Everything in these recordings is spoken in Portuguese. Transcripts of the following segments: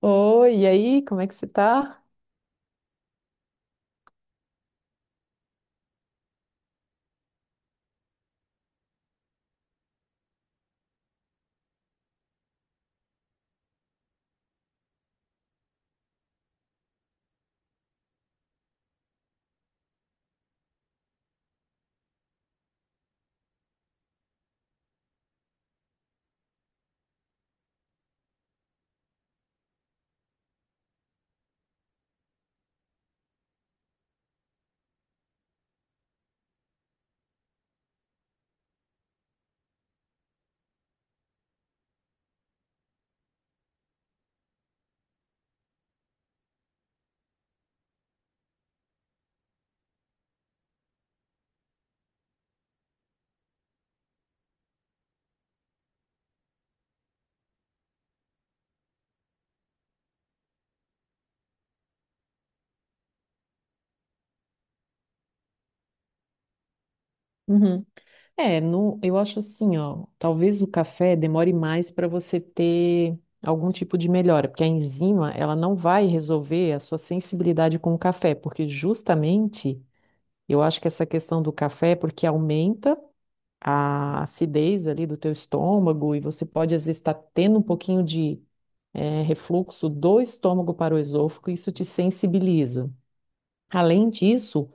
Oi, e aí, como é que você tá? Uhum. É, no, eu acho assim, ó, talvez o café demore mais para você ter algum tipo de melhora, porque a enzima, ela não vai resolver a sua sensibilidade com o café, porque justamente eu acho que essa questão do café é porque aumenta a acidez ali do teu estômago e você pode às vezes estar tendo um pouquinho de refluxo do estômago para o esôfago, e isso te sensibiliza. Além disso,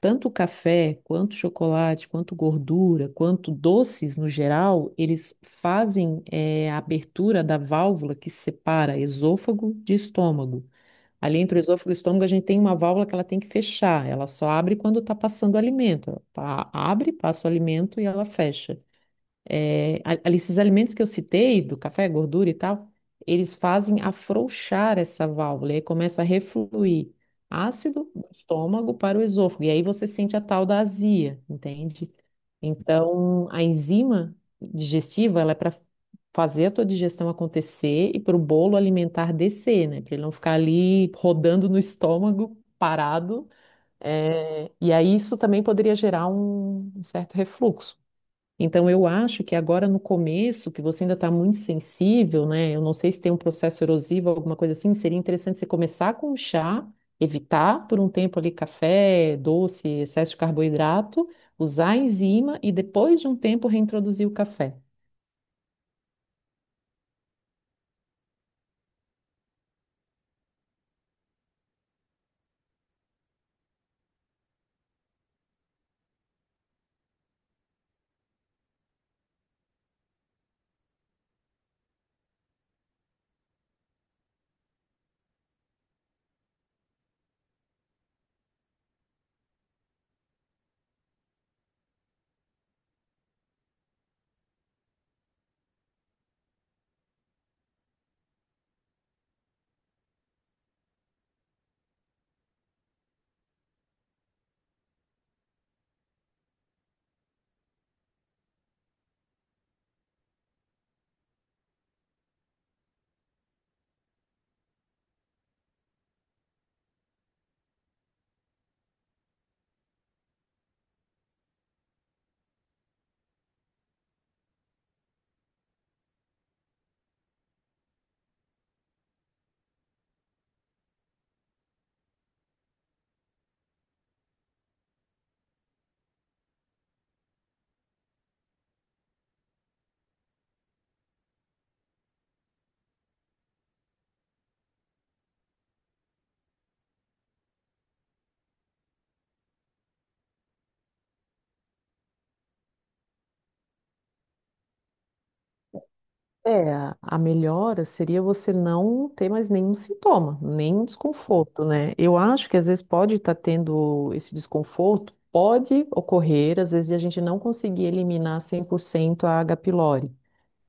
tanto o café, quanto o chocolate, quanto gordura, quanto doces no geral, eles fazem a abertura da válvula que separa esôfago de estômago. Ali entre o esôfago e o estômago, a gente tem uma válvula que ela tem que fechar. Ela só abre quando está passando o alimento. Abre, passa o alimento e ela fecha. É, ali esses alimentos que eu citei, do café, gordura e tal, eles fazem afrouxar essa válvula, e aí começa a refluir ácido do estômago para o esôfago, e aí você sente a tal da azia, entende? Então, a enzima digestiva, ela é para fazer a tua digestão acontecer e para o bolo alimentar descer, né? Para ele não ficar ali rodando no estômago, parado. É, e aí isso também poderia gerar um certo refluxo. Então, eu acho que agora no começo, que você ainda está muito sensível, né? Eu não sei se tem um processo erosivo, alguma coisa assim, seria interessante você começar com o chá, evitar por um tempo ali café, doce, excesso de carboidrato, usar a enzima e depois de um tempo reintroduzir o café. É, a melhora seria você não ter mais nenhum sintoma, nenhum desconforto, né? Eu acho que às vezes pode estar tendo esse desconforto, pode ocorrer, às vezes, de a gente não conseguir eliminar 100% a H. pylori.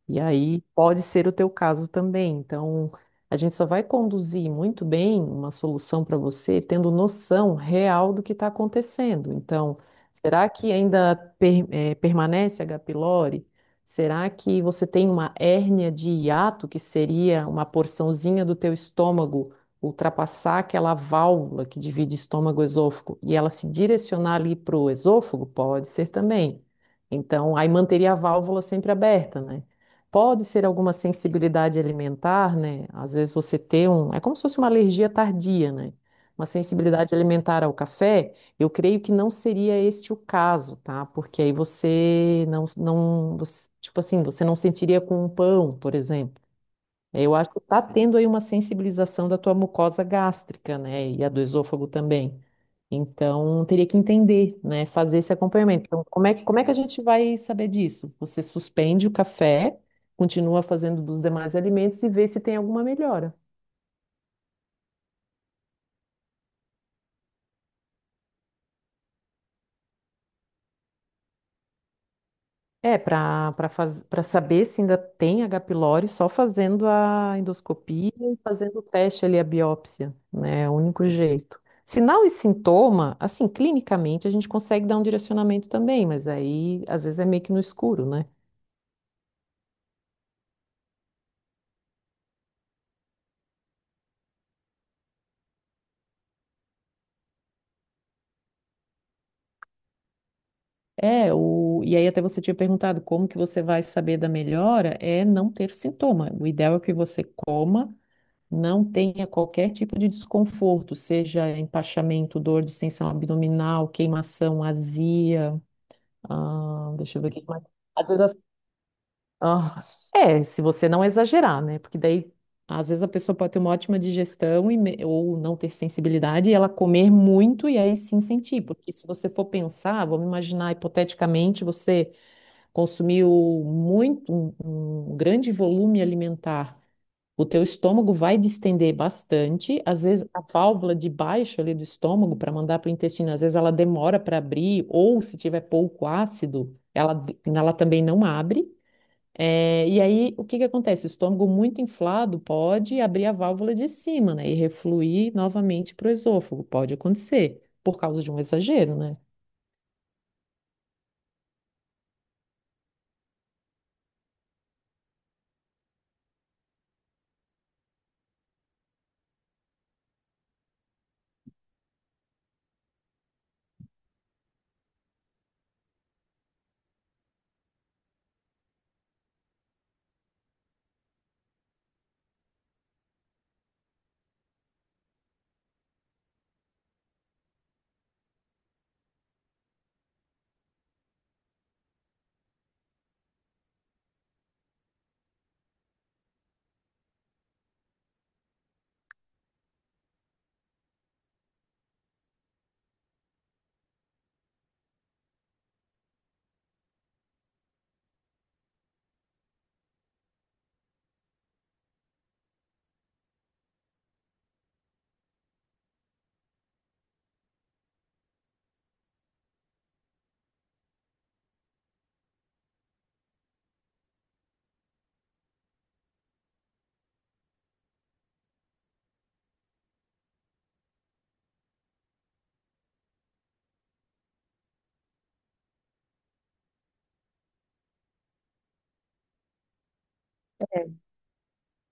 E aí pode ser o teu caso também. Então, a gente só vai conduzir muito bem uma solução para você tendo noção real do que está acontecendo. Então, será que ainda per- eh, permanece H. pylori? Será que você tem uma hérnia de hiato, que seria uma porçãozinha do teu estômago ultrapassar aquela válvula que divide estômago-esôfago e ela se direcionar ali para o esôfago? Pode ser também. Então, aí manteria a válvula sempre aberta, né? Pode ser alguma sensibilidade alimentar, né? Às vezes você tem um. É como se fosse uma alergia tardia, né? Uma sensibilidade alimentar ao café, eu creio que não seria este o caso, tá? Porque aí você não, não, você- tipo assim, você não sentiria com um pão, por exemplo. É, eu acho que está tendo aí uma sensibilização da tua mucosa gástrica, né? E a do esôfago também. Então, teria que entender, né? Fazer esse acompanhamento. Então, como é que a gente vai saber disso? Você suspende o café, continua fazendo dos demais alimentos e vê se tem alguma melhora. É, para saber se ainda tem H. pylori, só fazendo a endoscopia e fazendo o teste ali, a biópsia, né? É o único jeito. Sinal e sintoma, assim, clinicamente a gente consegue dar um direcionamento também, mas aí às vezes é meio que no escuro, né? E aí até você tinha perguntado como que você vai saber da melhora, é não ter sintoma. O ideal é que você coma, não tenha qualquer tipo de desconforto, seja empachamento, dor, distensão abdominal, queimação, azia. Ah, deixa eu ver o que mais. Às vezes, as- ah, é, se você não exagerar, né? Porque daí, às vezes, a pessoa pode ter uma ótima digestão ou não ter sensibilidade e ela comer muito e aí sim sentir. Porque se você for pensar, vamos imaginar hipoteticamente, você consumiu muito, um, um grande volume alimentar, o teu estômago vai distender bastante, às vezes a válvula de baixo ali do estômago para mandar para o intestino, às vezes ela demora para abrir, ou se tiver pouco ácido, ela também não abre. É, e aí o que que acontece? O estômago muito inflado pode abrir a válvula de cima, né, e refluir novamente para o esôfago, pode acontecer, por causa de um exagero, né?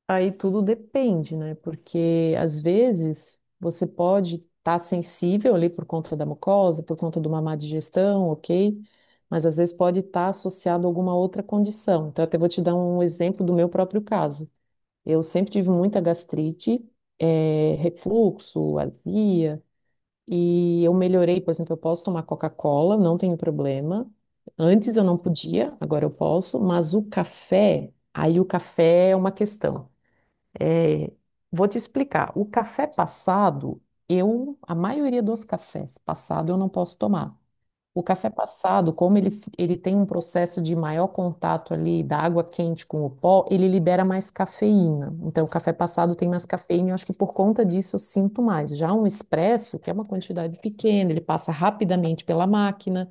Aí tudo depende, né? Porque às vezes você pode estar sensível ali por conta da mucosa, por conta de uma má digestão, ok? Mas às vezes pode estar associado a alguma outra condição. Então, eu até vou te dar um exemplo do meu próprio caso. Eu sempre tive muita gastrite, refluxo, azia, e eu melhorei, por exemplo, eu posso tomar Coca-Cola, não tenho problema. Antes eu não podia, agora eu posso, mas o café, aí o café é uma questão. É, vou te explicar. O café passado, eu, A maioria dos cafés passado eu não posso tomar. O café passado, como ele tem um processo de maior contato ali da água quente com o pó, ele libera mais cafeína. Então, o café passado tem mais cafeína e eu acho que por conta disso eu sinto mais. Já um expresso, que é uma quantidade pequena, ele passa rapidamente pela máquina.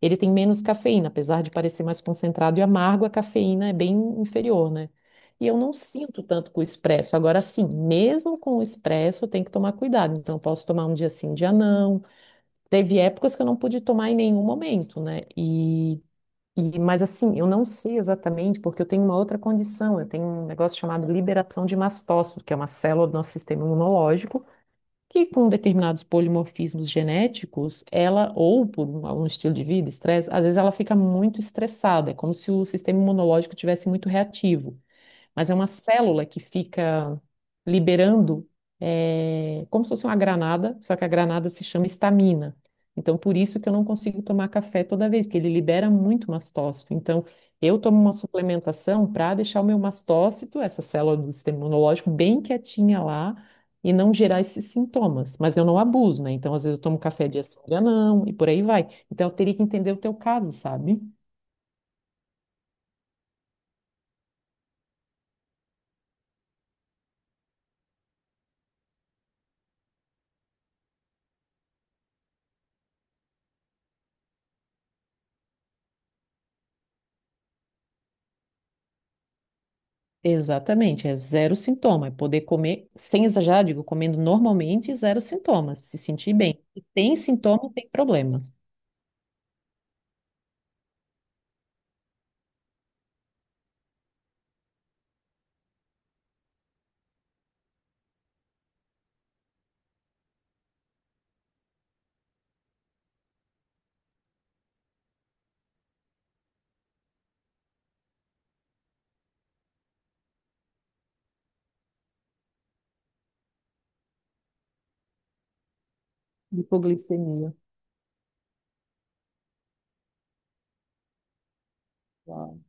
Ele tem menos cafeína, apesar de parecer mais concentrado e amargo, a cafeína é bem inferior, né? E eu não sinto tanto com o expresso. Agora, sim, mesmo com o expresso, eu tenho que tomar cuidado. Então, eu posso tomar um dia sim, um dia não. Teve épocas que eu não pude tomar em nenhum momento, né? E mas assim, eu não sei exatamente, porque eu tenho uma outra condição. Eu tenho um negócio chamado liberação de mastócito, que é uma célula do nosso sistema imunológico que com determinados polimorfismos genéticos, ela, ou um estilo de vida, estresse, às vezes ela fica muito estressada, é como se o sistema imunológico tivesse muito reativo, mas é uma célula que fica liberando, é, como se fosse uma granada, só que a granada se chama estamina. Então, por isso que eu não consigo tomar café toda vez, porque ele libera muito mastócito. Então, eu tomo uma suplementação para deixar o meu mastócito, essa célula do sistema imunológico, bem quietinha lá e não gerar esses sintomas. Mas eu não abuso, né? Então, às vezes eu tomo café dia sim, dia não, e por aí vai. Então, eu teria que entender o teu caso, sabe? Exatamente, é zero sintoma. É poder comer, sem exagerar, digo, comendo normalmente, zero sintomas, se sentir bem. Se tem sintoma, tem problema. Hipoglicemia. Uau.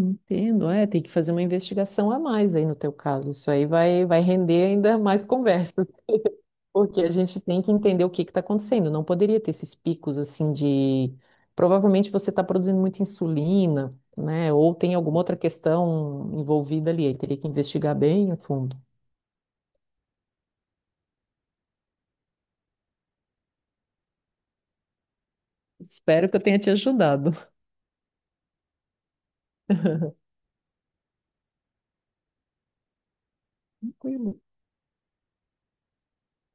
Entendo, é, tem que fazer uma investigação a mais aí no teu caso. Isso vai render ainda mais conversa, porque a gente tem que entender o que está acontecendo. Não poderia ter esses picos assim de. Provavelmente você está produzindo muita insulina, né? Ou tem alguma outra questão envolvida ali. Aí teria que investigar bem a fundo. Espero que eu tenha te ajudado. Tranquilo.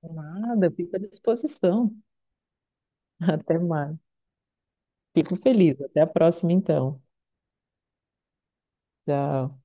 Nada, eu fico à disposição. Até mais. Fico feliz. Até a próxima, então. Tchau.